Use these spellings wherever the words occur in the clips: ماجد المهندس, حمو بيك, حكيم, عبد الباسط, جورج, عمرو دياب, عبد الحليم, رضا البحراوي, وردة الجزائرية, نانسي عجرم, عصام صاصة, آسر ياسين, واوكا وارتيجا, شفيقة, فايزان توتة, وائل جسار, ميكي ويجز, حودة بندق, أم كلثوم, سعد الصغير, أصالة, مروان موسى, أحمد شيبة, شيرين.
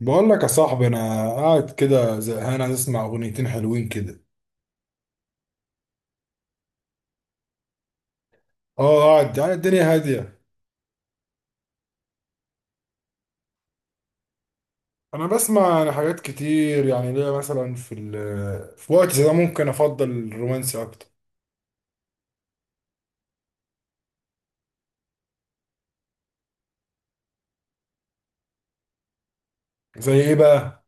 بقول لك يا صاحبي انا قاعد كده زهقان، عايز اسمع اغنيتين حلوين كده. اه قاعد، الدنيا هاديه. انا بسمع يعني حاجات كتير. يعني ليا مثلا في ال، في وقت زي ده ممكن افضل الرومانسي اكتر. زي ايه بقى؟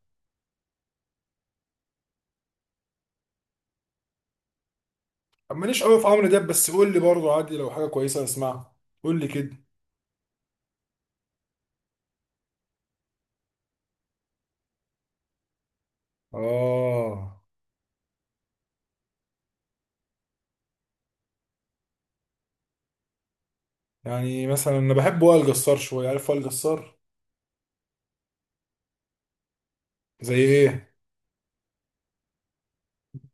ماليش قوي في عمرو دياب، بس قول لي برضه عادي، لو حاجه كويسه اسمعها. قول لي كده. اه يعني مثلا انا بحب وائل جسار شويه، عارف وائل جسار؟ زي ايه؟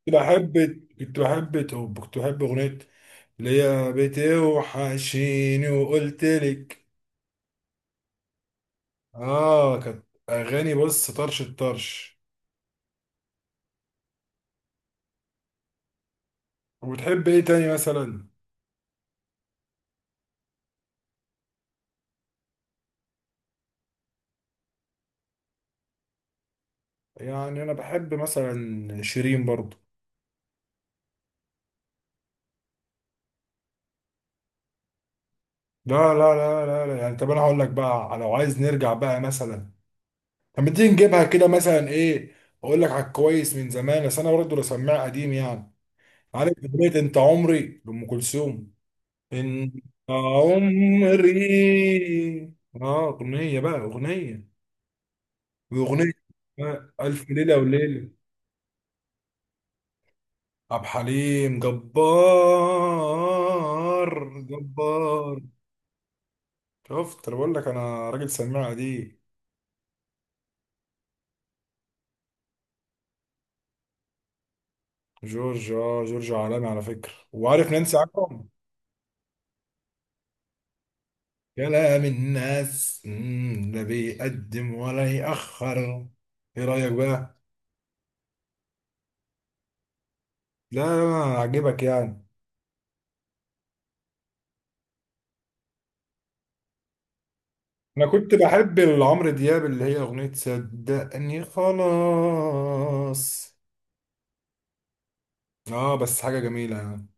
كنت بحب كنت بحب اغنيه اللي هي بتوحشيني، وقلت لك. اه كانت اغاني، بص، طرش الطرش. وبتحب ايه تاني مثلا؟ يعني انا بحب مثلا شيرين برضو. لا. يعني طب انا هقول لك بقى، لو عايز نرجع بقى مثلا، طب ما تيجي نجيبها كده مثلا ايه. اقول لك على الكويس من زمان، بس انا برضو بسمع قديم يعني. عارف اغنيه انت عمري لام كلثوم؟ إن عمري. أغنية بقى، أغنية وأغنية، ألف ليلة وليلة. عبد الحليم جبار جبار. شفت؟ أنا بقول لك أنا راجل سماع دي. جورج، جورج عالمي على فكرة. وعارف نانسي عجرم؟ كلام الناس، لا بيقدم ولا يأخر. إيه رأيك بقى؟ لا لا لا، عجبك يعني. انا كنت بحب عمرو دياب، اللي هي اغنية صدقني خلاص. اه بس حاجة جميلة يعني.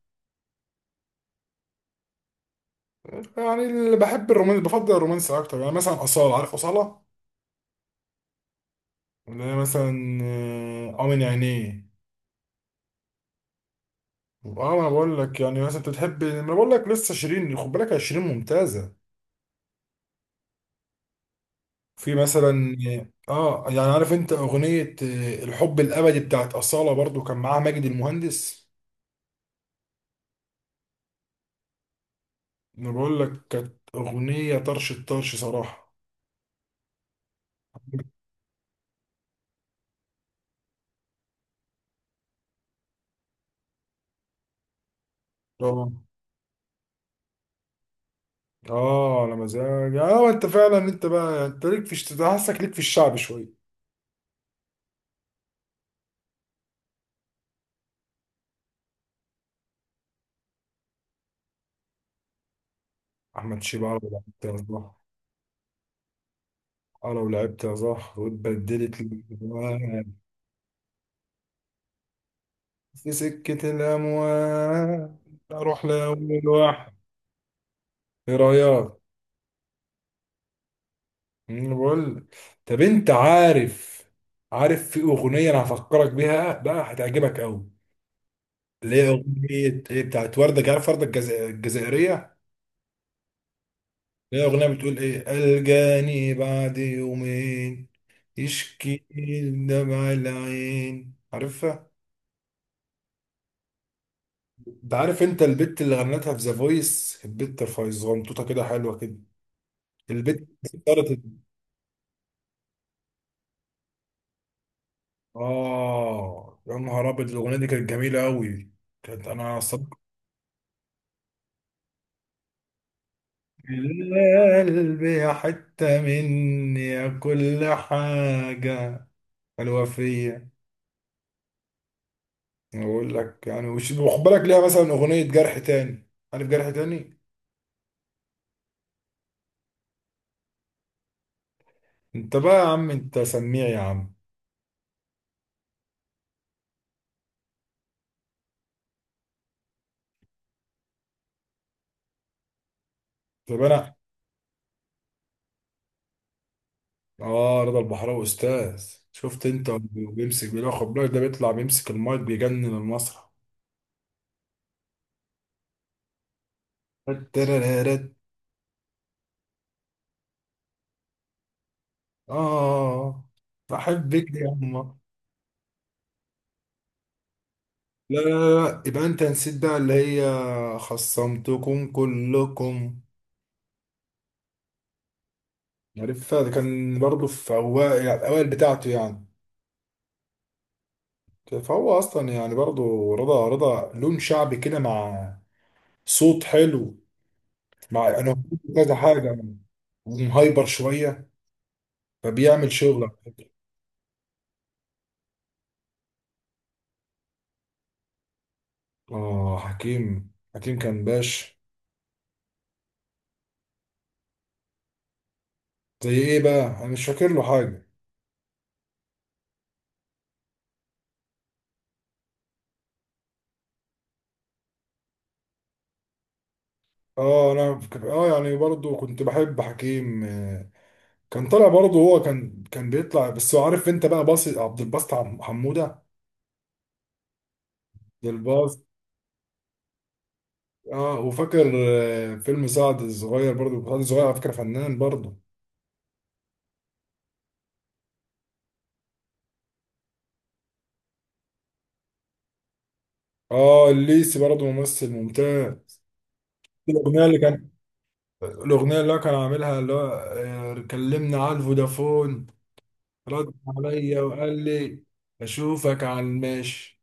يعني اللي بحب الرومانس بفضل الرومانس اكتر. يعني مثلا اصالة، عارف اصالة؟ اللي هي مثلا اه من عينيه. اه انا بقول لك يعني مثلا، انت بتحب؟ ما أنا بقول لك لسه شيرين، خد بالك يا شيرين ممتازة. في مثلا اه يعني عارف انت اغنية الحب الابدي بتاعت اصالة، برضو كان معاها ماجد المهندس. انا بقول لك كانت اغنية طرش الطرش صراحة. اه. اه على مزاج. اه انت فعلا انت بقى، انت ليك في حاسك ليك في الشعب شويه. احمد شيبة لو لعبت يا صلاح. اه لو لعبت يا صلاح واتبدلت الاموال، في سكه الاموال، اروح لاول واحد. ايه رايك؟ أنا بقول لك. طب انت عارف؟ عارف في اغنيه انا هفكرك بيها بقى، هتعجبك قوي. اللي هي اغنيه ايه بتاعت ورده، عارف ورده الجزائريه؟ هي أغنية بتقول إيه: ألقاني بعد يومين يشكي دمع العين، عارفها؟ أنت عارف أنت البت اللي غنتها في ذا فويس؟ البت فايزان توتة كده، حلوة كده. البت اختارت. آه يا نهار أبيض، الأغنية دي كانت جميلة أوي. كانت أنا صدق. قلبي حتة مني يا كل حاجة حلوة فيا. أقول لك يعني وخد بالك ليها مثلا أغنية جرح تاني، عارف جرح تاني؟ انت بقى يا عم، انت سميع يا عم. طب انا، اه رضا البحراوي استاذ. شفت؟ انت بيمسك، بياخد بالك ده، بيطلع بيمسك المايك بيجنن المسرح. الترررت. اه بحبك يا يما. لا لا لا، يبقى انت نسيت بقى اللي هي خصمتكم كلكم. عارفها؟ ده كان برضه في اوائل، يعني الاوائل بتاعته يعني. فهو اصلا يعني برضه رضا، رضا لون شعبي كده، مع صوت حلو. مع انا في كذا حاجه، ومهايبر شويه، فبيعمل شغل على فكرة. اه حكيم، حكيم كان باش. زي ايه بقى؟ انا مش فاكر له حاجه. اه يعني برضو كنت بحب حكيم كان طالع برضو، هو كان بيطلع بس. هو عارف انت بقى باص عبد الباسط حموده؟ عبد الباسط. اه وفاكر فيلم سعد الصغير برضو، سعد الصغير على فكره فنان برضو. اه الليسي برضو ممثل ممتاز. الاغنيه اللي كان، الأغنية اللي هو كان عاملها اللي هو كلمنا على الفودافون، رد عليا وقال لي أشوفك على الماشي،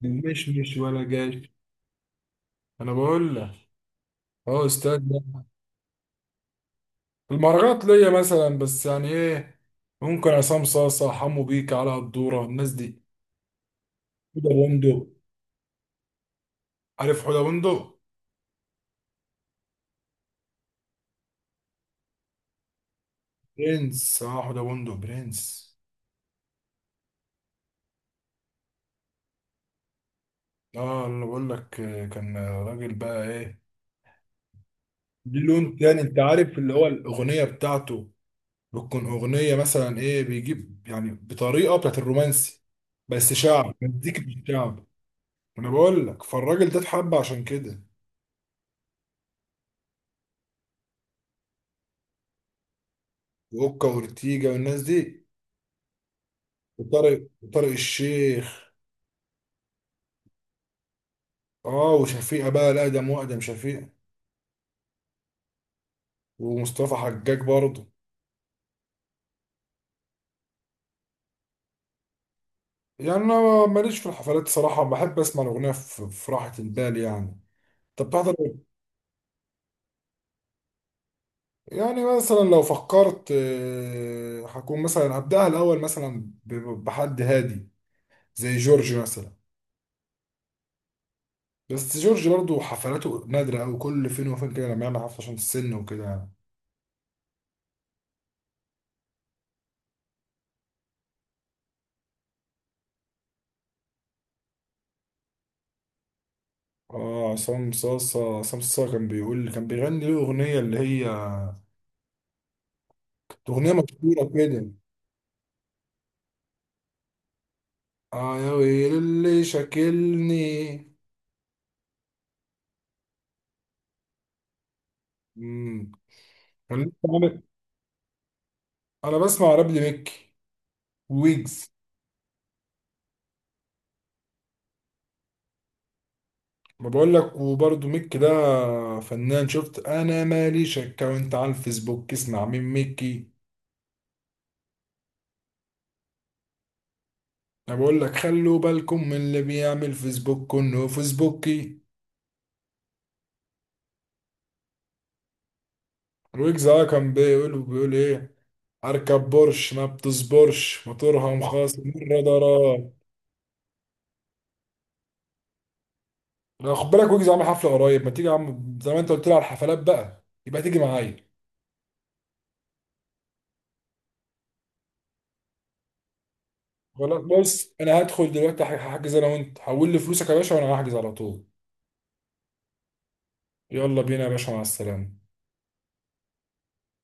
مش مش ولا جاش. أنا بقول لك أه أستاذ ده. المهرجانات ليا مثلا، بس يعني إيه، ممكن عصام صاصة، حمو بيك، على الدورة، الناس دي. حوده بندق، عارف حوده بندق؟ برنس، أه حوده بندق برنس. أه أنا بقول لك كان راجل بقى إيه. دي لون تاني، أنت عارف اللي هو الأغنية بتاعته بتكون اغنيه مثلا ايه، بيجيب يعني بطريقه بتاعت الرومانسي، بس شعب، مزيكا مش شعب. انا بقول لك فالراجل ده اتحب عشان كده. واوكا وارتيجا والناس دي، وطارق، وطارق الشيخ. اه وشفيقة بقى الاقدم، واقدم شفيقة، ومصطفى حجاج برضه. يعني انا ماليش في الحفلات صراحه، بحب اسمع الاغنيه في راحه البال يعني. طب بتحضر إيه؟ يعني مثلا لو فكرت هكون مثلا هبدأها الاول مثلا بحد هادي، زي جورج مثلا. بس جورج برضو حفلاته نادرة أوي، كل فين وفين كده لما يعمل حفلة، عشان السن وكده يعني. اه عصام صاصة، عصام صاصة كان بيقول، كان بيغني له أغنية اللي هي كانت أغنية مشهورة كده. اه يا ويل اللي شاكلني. مم. كان لسه عامل- أنا بسمع راب لميكي، ويجز. ما بقول لك وبرضه ميكي ده فنان. شفت؟ أنا مالي شك. وأنت على الفيسبوك اسمع من ميكي. انا بقول لك خلوا بالكم من اللي بيعمل فيسبوك انه فيسبوكي. ويجز اه كان بيقول ايه، اركب بورش ما بتصبرش، موتورها مخاص، مرة ضرب. لا، خد بالك، ويجز عامل حفلة قريب، ما تيجي يا عم، زي ما انت قلت لي على الحفلات بقى، يبقى تيجي معايا. خلاص بص، انا هدخل دلوقتي هحجز انا وانت، حول لي فلوسك يا باشا وانا هحجز على طول. يلا بينا يا باشا، مع السلامة.